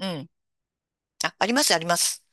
うん。あ、あります、あります。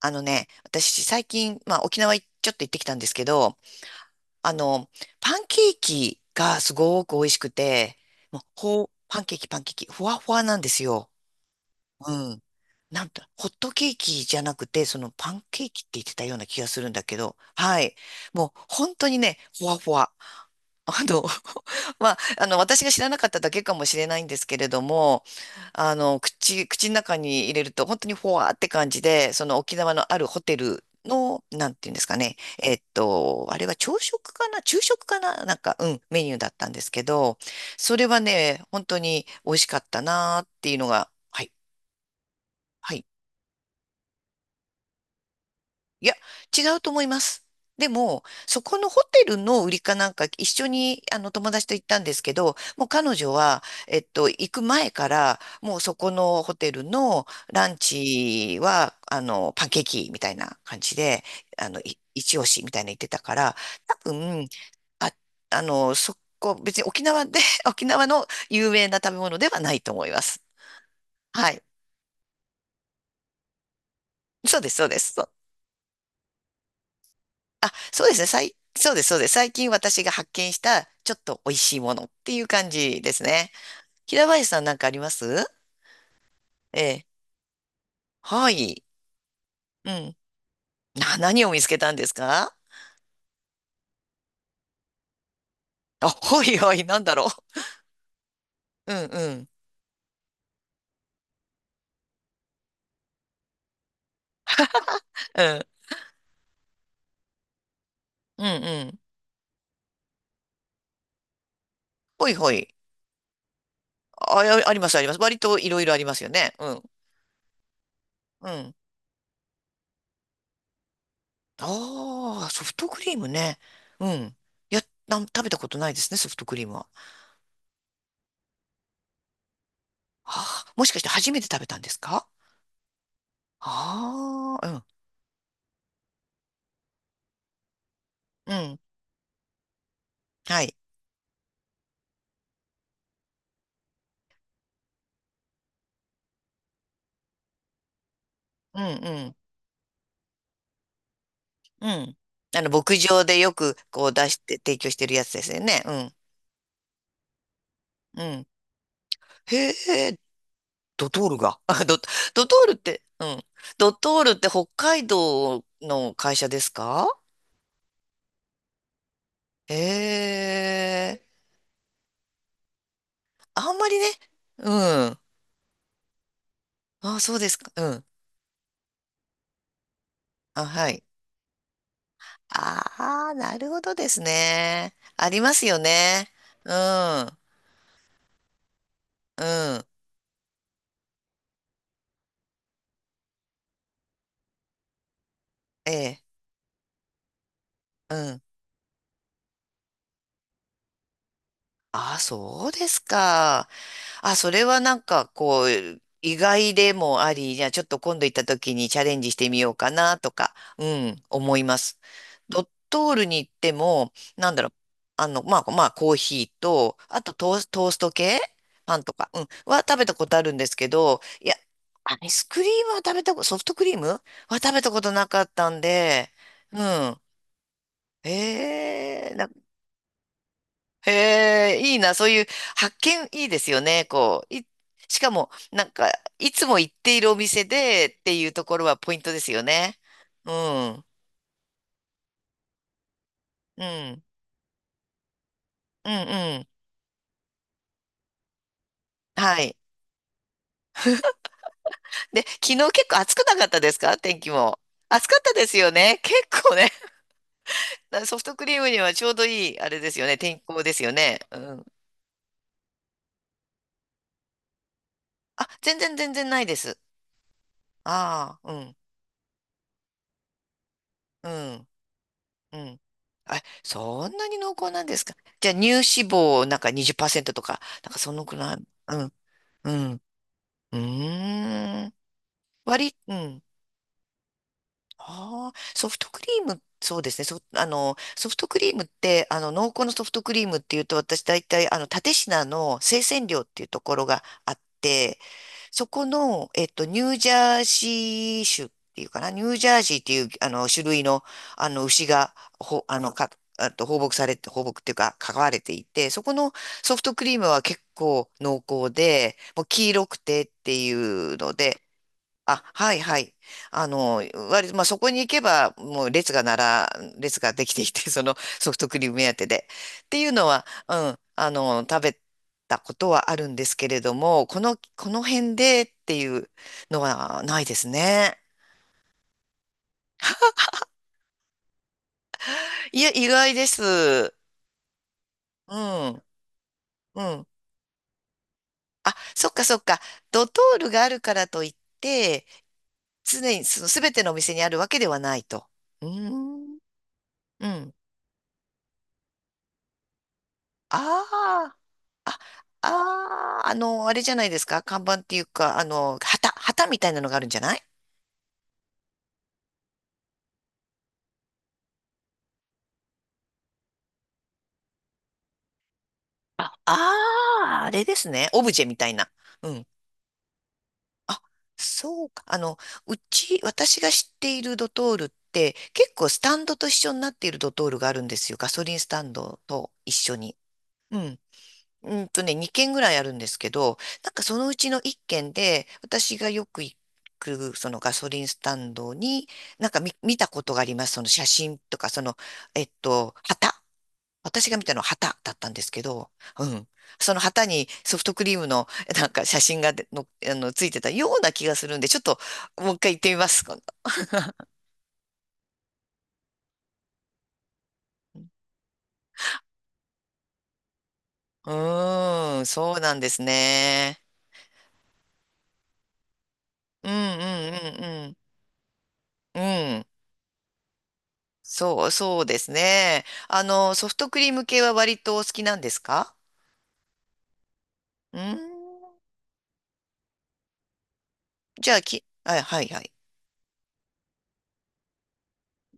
私、最近、沖縄い、ちょっと行ってきたんですけど、あの、パンケーキがすごく美味しくて、もう、ほう、パンケーキ、パンケーキ、ふわふわなんですよ。うん。なんと、ホットケーキじゃなくて、そのパンケーキって言ってたような気がするんだけど、はい。もう、本当にね、ふわふわ。あの、私が知らなかっただけかもしれないんですけれども、あの、口の中に入れると本当にフォワーって感じで、その沖縄のあるホテルの、なんていうんですかね、あれは朝食かな、昼食かな、なんか、うん、メニューだったんですけど、それはね、本当に美味しかったなーっていうのが、はい、はい。いや、違うと思います。でも、そこのホテルの売りかなんか、一緒にあの友達と行ったんですけど、もう彼女は、行く前から、もうそこのホテルのランチは、パンケーキみたいな感じで、あの、一押しみたいな言ってたから、多分、あ、そこ、別に沖縄で、沖縄の有名な食べ物ではないと思います。はい。そうです、そうです。あ、そうですね。そうです、そうです。最近私が発見したちょっと美味しいものっていう感じですね。平林さん、なんかあります？ええ。はい。うん。何を見つけたんですか？あ、ほいほい、なんだろう。うんうん。うん。うんうん。ほいほい。あ、あります、あります。割といろいろありますよね。うん。うん。ああ、ソフトクリームね。うん。いや、食べたことないですね、ソフトクリームは。ああ、もしかして初めて食べたんですか？ああー、うん。はい。うん、うん、うん。牧場でよくこう出して、提供してるやつですよね。うん、うん。へえ、ドトールが。ドトールって、うん。ドトールって北海道の会社ですか？へえ、あんまりね。うん。あ、そうですか。うん。あ、はい。ああ、なるほどですね。ありますよね。うん、うん、ええ、うん。ああ、そうですか。あ、それはなんかこう、意外でもあり、じゃあちょっと今度行った時にチャレンジしてみようかなとか、うん、思います。ドットールに行っても、なんだろう、コーヒーと、あと、トースト系パンとか、うん、は食べたことあるんですけど、いや、アイスクリームは食べたこと、ソフトクリームは食べたことなかったんで、うん。ええ、へえ、いいな。そういう発見いいですよね、こう。しかも、なんか、いつも行っているお店でっていうところはポイントですよね。うん、うん、うん、うん。はい。で、昨日結構暑くなかったですか、天気も。暑かったですよね。結構ね。だからソフトクリームにはちょうどいい、あれですよね。天候ですよね。うん。あ、全然全然ないです。ああ、うん、うん。うん。あ、そんなに濃厚なんですか。じゃあ、乳脂肪なんか20%とか、なんかそのくらい。うん、うん、うーん。うん。ああ、ソフトクリーム、そうですね。そ、あの、ソフトクリームって、あの、濃厚のソフトクリームっていうと、私大体、あの、蓼科の生鮮量っていうところがあって、そこの、ニュージャージー州っていうかな、ニュージャージーっていう、あの、種類の、あの、牛が、ほ、あの、か、あと放牧されて、放牧っていうか、飼われていて、そこのソフトクリームは結構濃厚で、もう黄色くてっていうので、あ、はいはい。あの、割と、まあ、そこに行けば、もう列がなら、列ができていて、そのソフトクリーム目当てで。っていうのは、うん、あの、食べたことはあるんですけれども、この辺でっていうのはないですね。いや、意外です。うん、うん。あ、そっかそっか。ドトールがあるからといって、常にその全てのお店にあるわけではないと。うーん、うん。ああ。あ、あれじゃないですか。看板っていうか、あの、旗みたいなのがあるんじゃない？あ、あー、あれですね。オブジェみたいな。うん。あ、そうか。私が知っているドトールって、結構スタンドと一緒になっているドトールがあるんですよ。ガソリンスタンドと一緒に。うん。うんとね、2軒ぐらいあるんですけど、なんかそのうちの1軒で、私がよく行く、そのガソリンスタンドに、見たことがあります。その写真とか、その、旗。私が見たのは旗だったんですけど、うん。その旗にソフトクリームの、なんか写真がでの、あの、ついてたような気がするんで、ちょっと、もう一回行ってみます。今度、うーん、そうなんですね。うん、うん、うん、うん。うん。そうですね。あの、ソフトクリーム系は割とお好きなんですか？うーん。じゃあ、はいはい。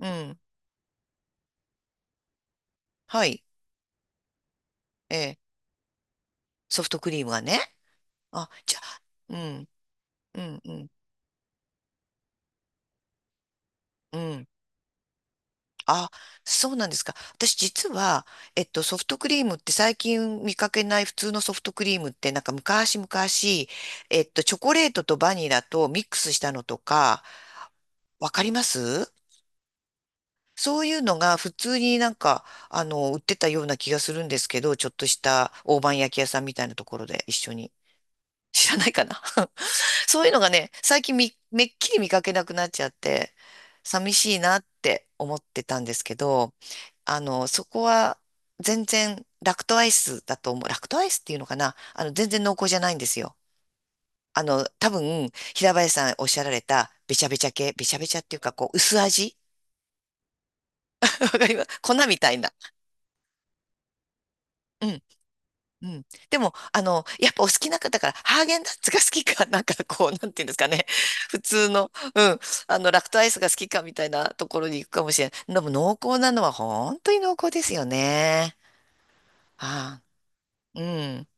うん。はい。ええ、ソフトクリームはね。あ、じゃあ、うん、うん、うん、うん。あ、そうなんですか。私実は、ソフトクリームって最近見かけない普通のソフトクリームって、なんか昔々、チョコレートとバニラとミックスしたのとか、わかります？そういうのが普通になんか、あの、売ってたような気がするんですけど、ちょっとした大判焼き屋さんみたいなところで一緒に。知らないかな？ そういうのがね、最近めっきり見かけなくなっちゃって、寂しいなって思ってたんですけど、あの、そこは全然ラクトアイスだと思う。ラクトアイスっていうのかな、あの、全然濃厚じゃないんですよ。あの、多分、平林さんおっしゃられた、べちゃべちゃっていうか、こう、薄味 わかります、粉みたいな。うんうん。でも、あの、やっぱお好きな方だから、ハーゲンダッツが好きか、なんかこう、なんていうんですかね。普通の、うん、あの、ラクトアイスが好きかみたいなところに行くかもしれない。でも濃厚なのは本当に濃厚ですよね。ああ、うん、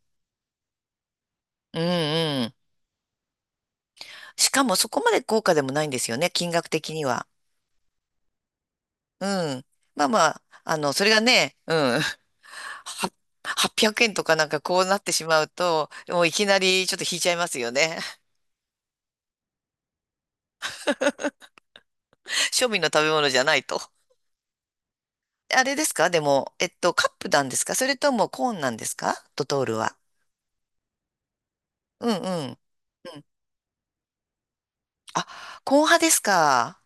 うん、うん。しかもそこまで高価でもないんですよね、金額的には。うん。まあまあ、あの、それがね、うん。は800円とかなんかこうなってしまうと、もういきなりちょっと引いちゃいますよね。庶民の食べ物じゃないと。あれですか、でも、カップなんですか、それともコーンなんですか、ドトールは。うんうん。うん。あ、コーン派ですか？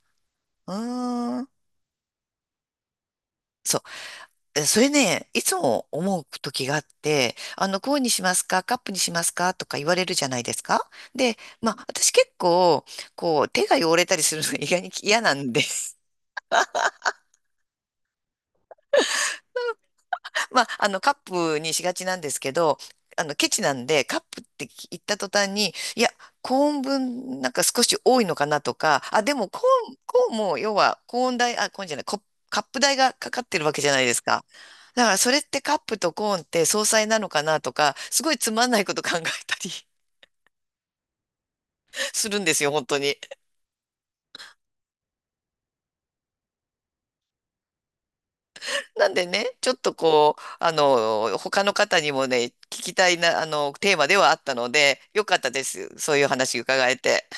うーん。そう。え、それね、いつも思う時があって、あの、コーンにしますか、カップにしますかとか言われるじゃないですか。で、まあ、私結構、こう、手が汚れたりするのが意外に嫌なんで、まあ、あの、カップにしがちなんですけど、あの、ケチなんで、カップって言った途端に、いや、コーン分、なんか少し多いのかなとか、あ、でもコーンも、要は、コーン代、あ、コーンじゃない、コ、カップ代がかかってるわけじゃないですか。だから、それってカップとコーンって相殺なのかなとか、すごいつまんないこと考えたり するんですよ、本当に。なんでね、ちょっとこう、あの、他の方にもね、聞きたいな、あの、テーマではあったので、よかったです。そういう話伺えて。